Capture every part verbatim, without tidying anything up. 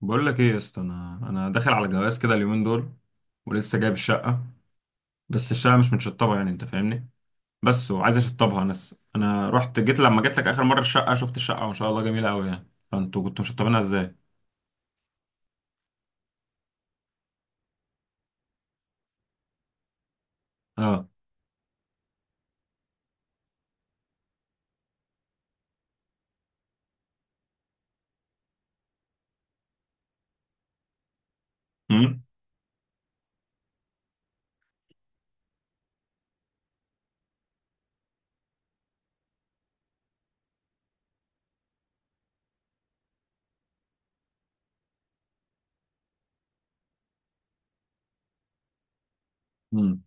بقول لك ايه يا اسطى، انا انا داخل على جواز كده اليومين دول. ولسه جايب الشقه. بس الشقه مش متشطبه، يعني انت فاهمني. بس وعايز اشطبها. انا س- انا رحت جيت لما جيت لك اخر مره الشقه، شفت الشقه وما شاء الله جميله قوي يعني، فانتوا كنتوا مشطبينها ازاي؟ اه. امم. امم.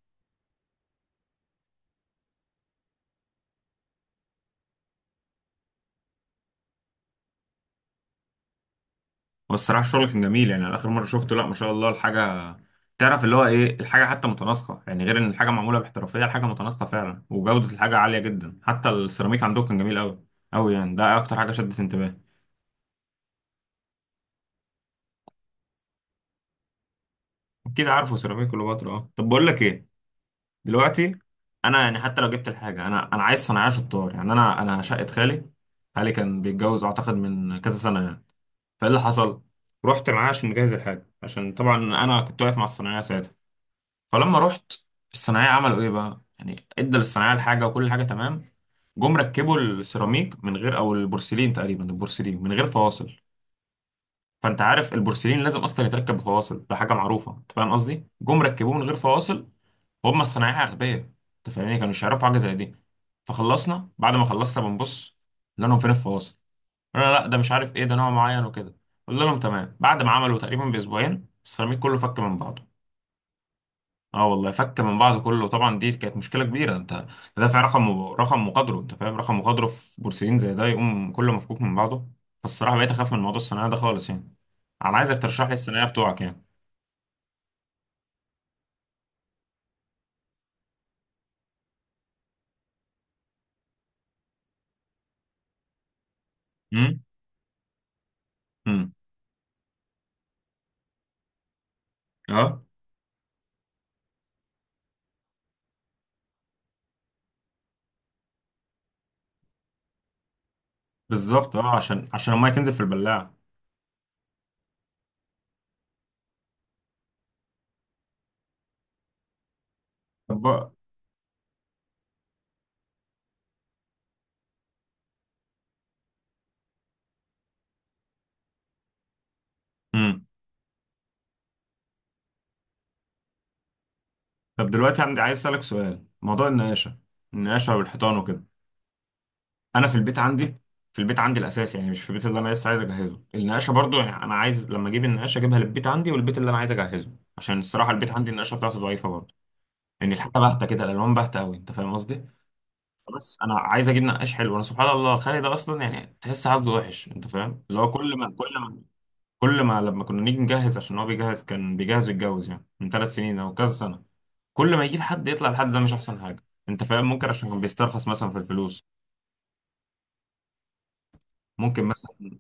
والصراحه الشغل كان جميل، يعني أنا اخر مره شفته، لا ما شاء الله الحاجه. تعرف اللي هو ايه، الحاجه حتى متناسقه يعني، غير ان الحاجه معموله باحترافيه، الحاجه متناسقه فعلا وجوده الحاجه عاليه جدا، حتى السيراميك عندكم كان جميل قوي. قوي يعني، ده اكتر حاجه شدت انتباهي. اكيد عارفه سيراميك كليوباترا. اه، طب بقول لك ايه. دلوقتي. انا يعني حتى لو جبت الحاجه، انا انا عايز صنايعيه شطار، يعني انا انا شقه خالي. خالي كان بيتجوز اعتقد من كذا سنه يعني. فايه اللي حصل. رحت معاه عشان نجهز الحاجه، عشان طبعا انا كنت واقف مع الصنايعيه ساعتها. فلما رحت، الصنايعيه عملوا ايه بقى، يعني ادى للصنايعيه الحاجه وكل حاجه تمام. جم ركبوا السيراميك من غير، او البورسلين تقريبا، البورسلين من غير فواصل. فانت عارف البورسلين لازم اصلا يتركب بفواصل، ده حاجه معروفه، انت فاهم قصدي، جم ركبوه من غير فواصل. وهم الصنايعيه اغبياء. انت فاهمني، كانوا مش يعرفوا حاجه زي دي. فخلصنا، بعد ما خلصنا بنبص، قلنا لهم فين الفواصل. قلنا لا، ده مش عارف ايه، ده نوع معين وكده. قلنا لهم تمام. بعد ما عملوا تقريبا باسبوعين، السيراميك كله فك من بعضه. اه والله فك من بعض كله، طبعا دي كانت مشكله كبيره. انت تدافع رقم رقم وقدره، انت فاهم، رقم وقدره في بورسلين زي ده يقوم كله مفكوك من بعضه. فالصراحه بقيت اخاف من موضوع الثانويه ده خالص يعني. انا عايزك ترشح لي الثانويه بتوعك يعني. امم. امم. اه بالظبط، اه عشان عشان الميه تنزل في البلاعه. طب بقى. امم. طب دلوقتي عندي، عايز اسالك سؤال موضوع النقاشه. النقاشه والحيطان وكده. انا في البيت عندي، في البيت عندي الاساس يعني، مش في البيت اللي انا لسه عايز اجهزه. النقاشه برضو، يعني انا عايز لما اجيب النقاشه اجيبها للبيت عندي والبيت اللي انا عايز اجهزه. عشان الصراحه البيت عندي النقاشه بتاعته ضعيفه برضو. يعني الحاجه باهته كده، الالوان باهته قوي، انت فاهم قصدي. بس انا عايز اجيب نقاش حلو. انا سبحان الله، خالي ده اصلا يعني تحس عزله وحش، انت فاهم، اللي هو كل ما كل ما كل ما لما كنا نيجي نجهز، عشان هو بيجهز كان بيجهز يتجوز يعني من ثلاث سنين او كذا سنه. كل ما يجيب حد يطلع الحد ده مش احسن حاجه. انت فاهم، ممكن عشان كان بيسترخص مثلا في الفلوس. ممكن مثلا.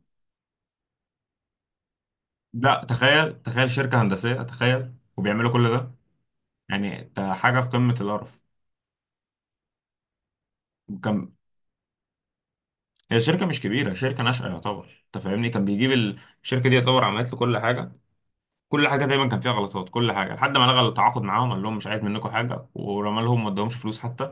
لا تخيل، تخيل شركة هندسية، تخيل وبيعملوا كل ده. يعني انت، حاجة في قمة القرف. كان، هي شركة مش كبيرة، شركة ناشئة يعتبر، انت فاهمني، كان بيجيب ال- الشركة دي يعتبر عملت له كل حاجة. كل حاجه دايما كان فيها غلطات، كل حاجه، لحد ما لغى التعاقد معاهم، قال لهم مش عايز منكم حاجه، ورمى لهم ما ادهمش فلوس حتى.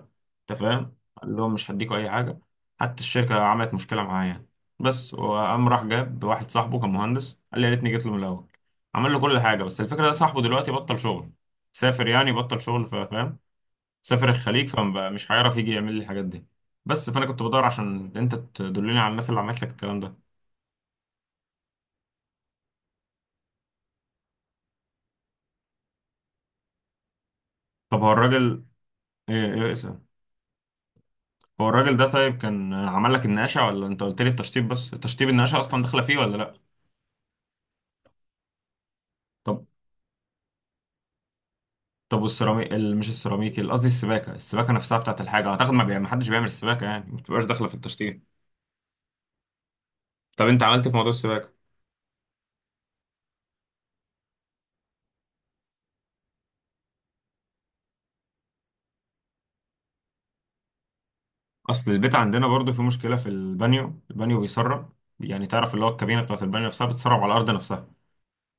انت فاهم، قال لهم مش هديكوا اي حاجه. حتى الشركه عملت مشكله معاه يعني. بس وقام راح جاب واحد صاحبه كان مهندس، قال لي يا ريتني جيت له من الاول. عمل له كل حاجه، بس الفكره ده صاحبه دلوقتي بطل شغل. سافر يعني بطل شغل، ف- فاهم. سافر الخليج، فمش هيعرف يجي يعمل لي الحاجات دي. بس فانا كنت بدور عشان انت تدلني على الناس اللي عملت لك الكلام ده. طب هو الراجل، ايه ايه؟ هو الراجل ده طيب، كان عمل لك النقاشة ولا انت قلت لي التشطيب بس، التشطيب النقاشة اصلا داخلة فيه ولا لا؟ طب طب والسيراميك ال- مش السيراميك ال- قصدي السباكة، السباكة نفسها بتاعت الحاجة اعتقد، ما, بيعمل- ما حدش بيعمل السباكة، يعني ما بتبقاش داخلة في التشطيب. طب انت عملت في موضوع السباكة؟ اصل البيت عندنا برضو في مشكلة في البانيو، البانيو بيسرب. يعني تعرف اللي هو الكابينة بتاعت البانيو نفسها بتسرب على الارض نفسها.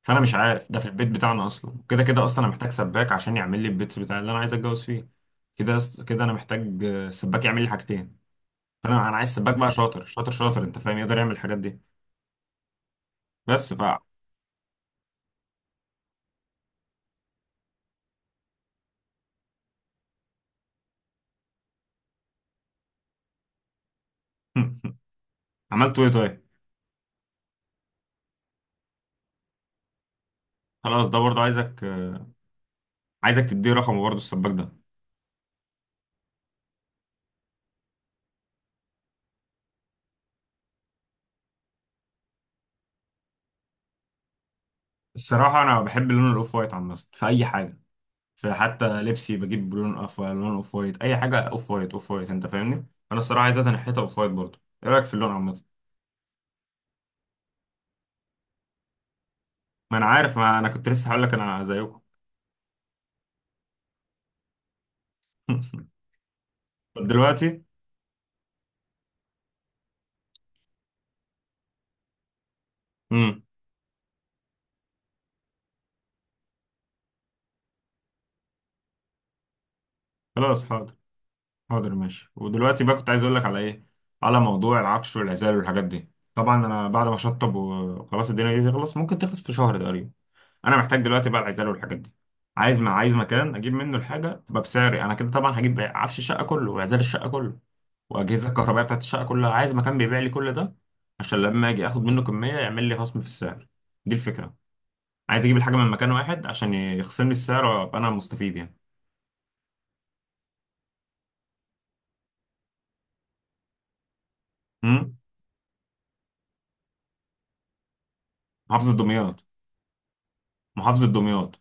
فانا مش عارف ده، في البيت بتاعنا اصلا كده كده، اصلا انا محتاج سباك عشان يعمل لي البيت بتاع اللي انا عايز اتجوز فيه. كده. كده انا محتاج آه، سباك يعمل لي حاجتين. انا انا عايز سباك بقى شاطر شاطر شاطر، انت فاهم يقدر يعمل الحاجات دي. بس ف عملت ايه طيب؟ خلاص ده برضه عايزك آه، عايزك تديه رقمه برضه السباك ده. الصراحه انا بحب لون الاوف وايت عامه في اي حاجه. في حتى لبسي بجيب لون اوف لون اوف وايت، اي حاجه اوف وايت اوف وايت، انت فاهمني. انا الصراحه عايزها تنحيتها اوف وايت برضه، ايه رايك في اللون عامه؟ ما انا عارف، ما انا كنت لسه هقول لك انا زيكم. طب دلوقتي. امم. خلاص حاضر. حاضر ماشي، ودلوقتي بقى كنت عايز اقول لك على ايه. على موضوع العفش والعزال والحاجات دي. طبعا انا بعد ما اشطب وخلاص الدنيا دي تخلص، ممكن تخلص في شهر تقريبا. انا محتاج دلوقتي بقى العزال والحاجات دي. عايز، ما عايز مكان اجيب منه الحاجه تبقى بسعري انا كده، طبعا هجيب عفش الشقه كله وعزال الشقه كله. واجهزه الكهربائيه بتاعت الشقه كلها، عايز مكان بيبيع لي كل ده. عشان لما اجي اخد منه كميه يعمل لي خصم في السعر. دي الفكره. عايز اجيب الحاجه من مكان واحد عشان يخصم لي السعر وابقى انا مستفيد يعني. امم. محافظه دمياط؟ محافظه دمياط.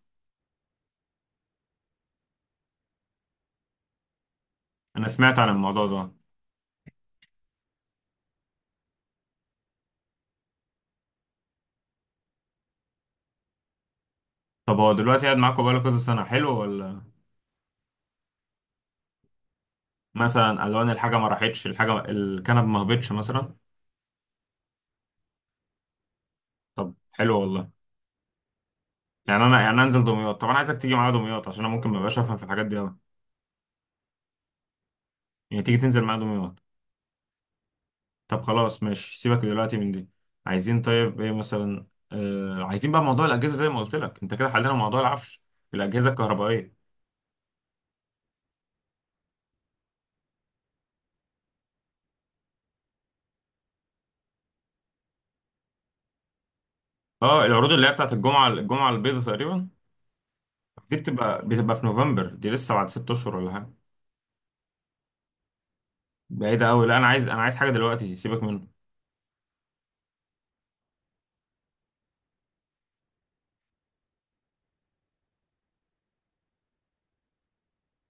انا سمعت عن الموضوع ده. طب هو دلوقتي قاعد معاكم بقاله كذا سنه، حلو ولا؟ مثلا الوان الحاجه ما راحتش، الحاجه الكنب ما هبطش مثلا. طب حلو والله. يعني انا، يعني انزل دمياط. طب انا عايزك تيجي معايا دمياط، عشان انا ممكن ما ابقاش افهم في الحاجات دي قوي. يعني تيجي تنزل معايا دمياط؟ طب خلاص ماشي، سيبك دلوقتي من دي. عايزين طيب ايه مثلا. آه عايزين بقى موضوع الاجهزه، زي ما قلت لك انت كده حلينا موضوع العفش. الاجهزه الكهربائيه. اه، العروض اللي هي بتاعت الجمعه الجمعه البيضاء تقريبا. دي بتبقى بتبقى في نوفمبر، دي لسه بعد ست اشهر ولا حاجه. بعيدة أوي، لا أنا عايز أنا عايز حاجة دلوقتي، سيبك منه.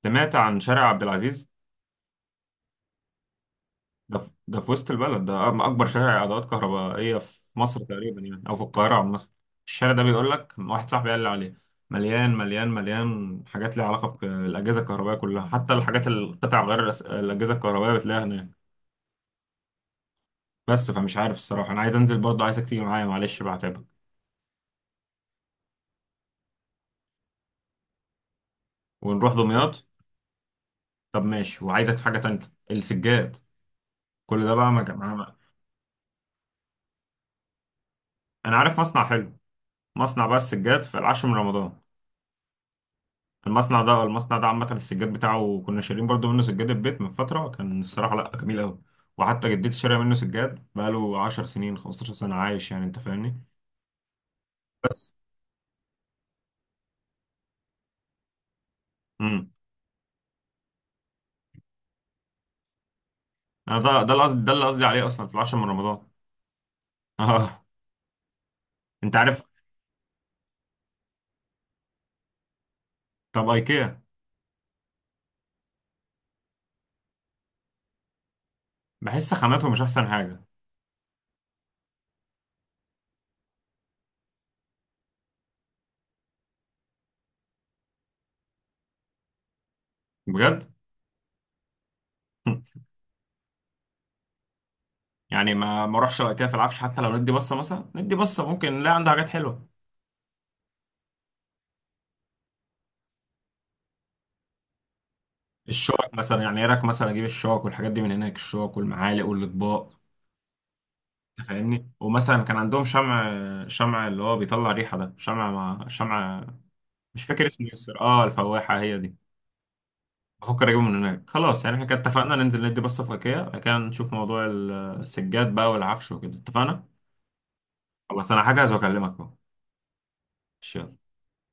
سمعت عن شارع عبد العزيز. ده في... ده في وسط البلد، ده أم- أكبر شارع عدوات كهربائية في مصر تقريبا يعني، أو في القاهرة عامة. الشارع ده، بيقول لك واحد صاحبي قال لي عليه، مليان مليان مليان حاجات ليها علاقة بالأجهزة الكهربائية كلها، حتى الحاجات القطع غير الأس- الأجهزة الكهربائية بتلاقيها هناك. بس فمش عارف الصراحة، أنا عايز أنزل برضه، عايزك تيجي معايا معلش بقى هتعبك. ونروح دمياط. طب ماشي، وعايزك في حاجة تانية. السجاد. كل ده بقى ما ما- أنا عارف مصنع حلو، مصنع بقى السجاد في العاشر من رمضان. المصنع ده المصنع ده عامة، السجاد بتاعه كنا شارين برضو منه سجاد البيت من فترة، كان الصراحة لأ جميل أوي. وحتى جدتي شارية منه سجاد بقاله 10 سنين 15 سنة عايش، يعني أنت فاهمني. بس. امم. أنا ده ده القصد، ده اللي قصدي عليه أصلا في العاشر من رمضان. آه. أنت عارف. طب أيكيا. بحس خاماتهم مش أحسن حاجة. بجد؟ يعني ما ما اروحش على ايكيا في العفش، حتى لو ندي بصة مثلا، ندي بصة ممكن نلاقي عنده حاجات حلوة. الشوك مثلا، يعني ايه رايك مثلا اجيب الشوك والحاجات دي من هناك، الشوك والمعالق والاطباق. انت فاهمني، ومثلا كان عندهم شمع. شمع اللي هو بيطلع ريحه ده، شمع مع شمع. مش فاكر اسمه ايه الصراحة. اه، الفواحه هي دي. بفكر اجيبه من هناك خلاص. يعني احنا كده اتفقنا ننزل ندي بصه في ايكيا، بعد كده نشوف موضوع السجاد بقى والعفش وكده، اتفقنا؟ خلاص انا هجهز واكلمك اهو. ماشي، يلا.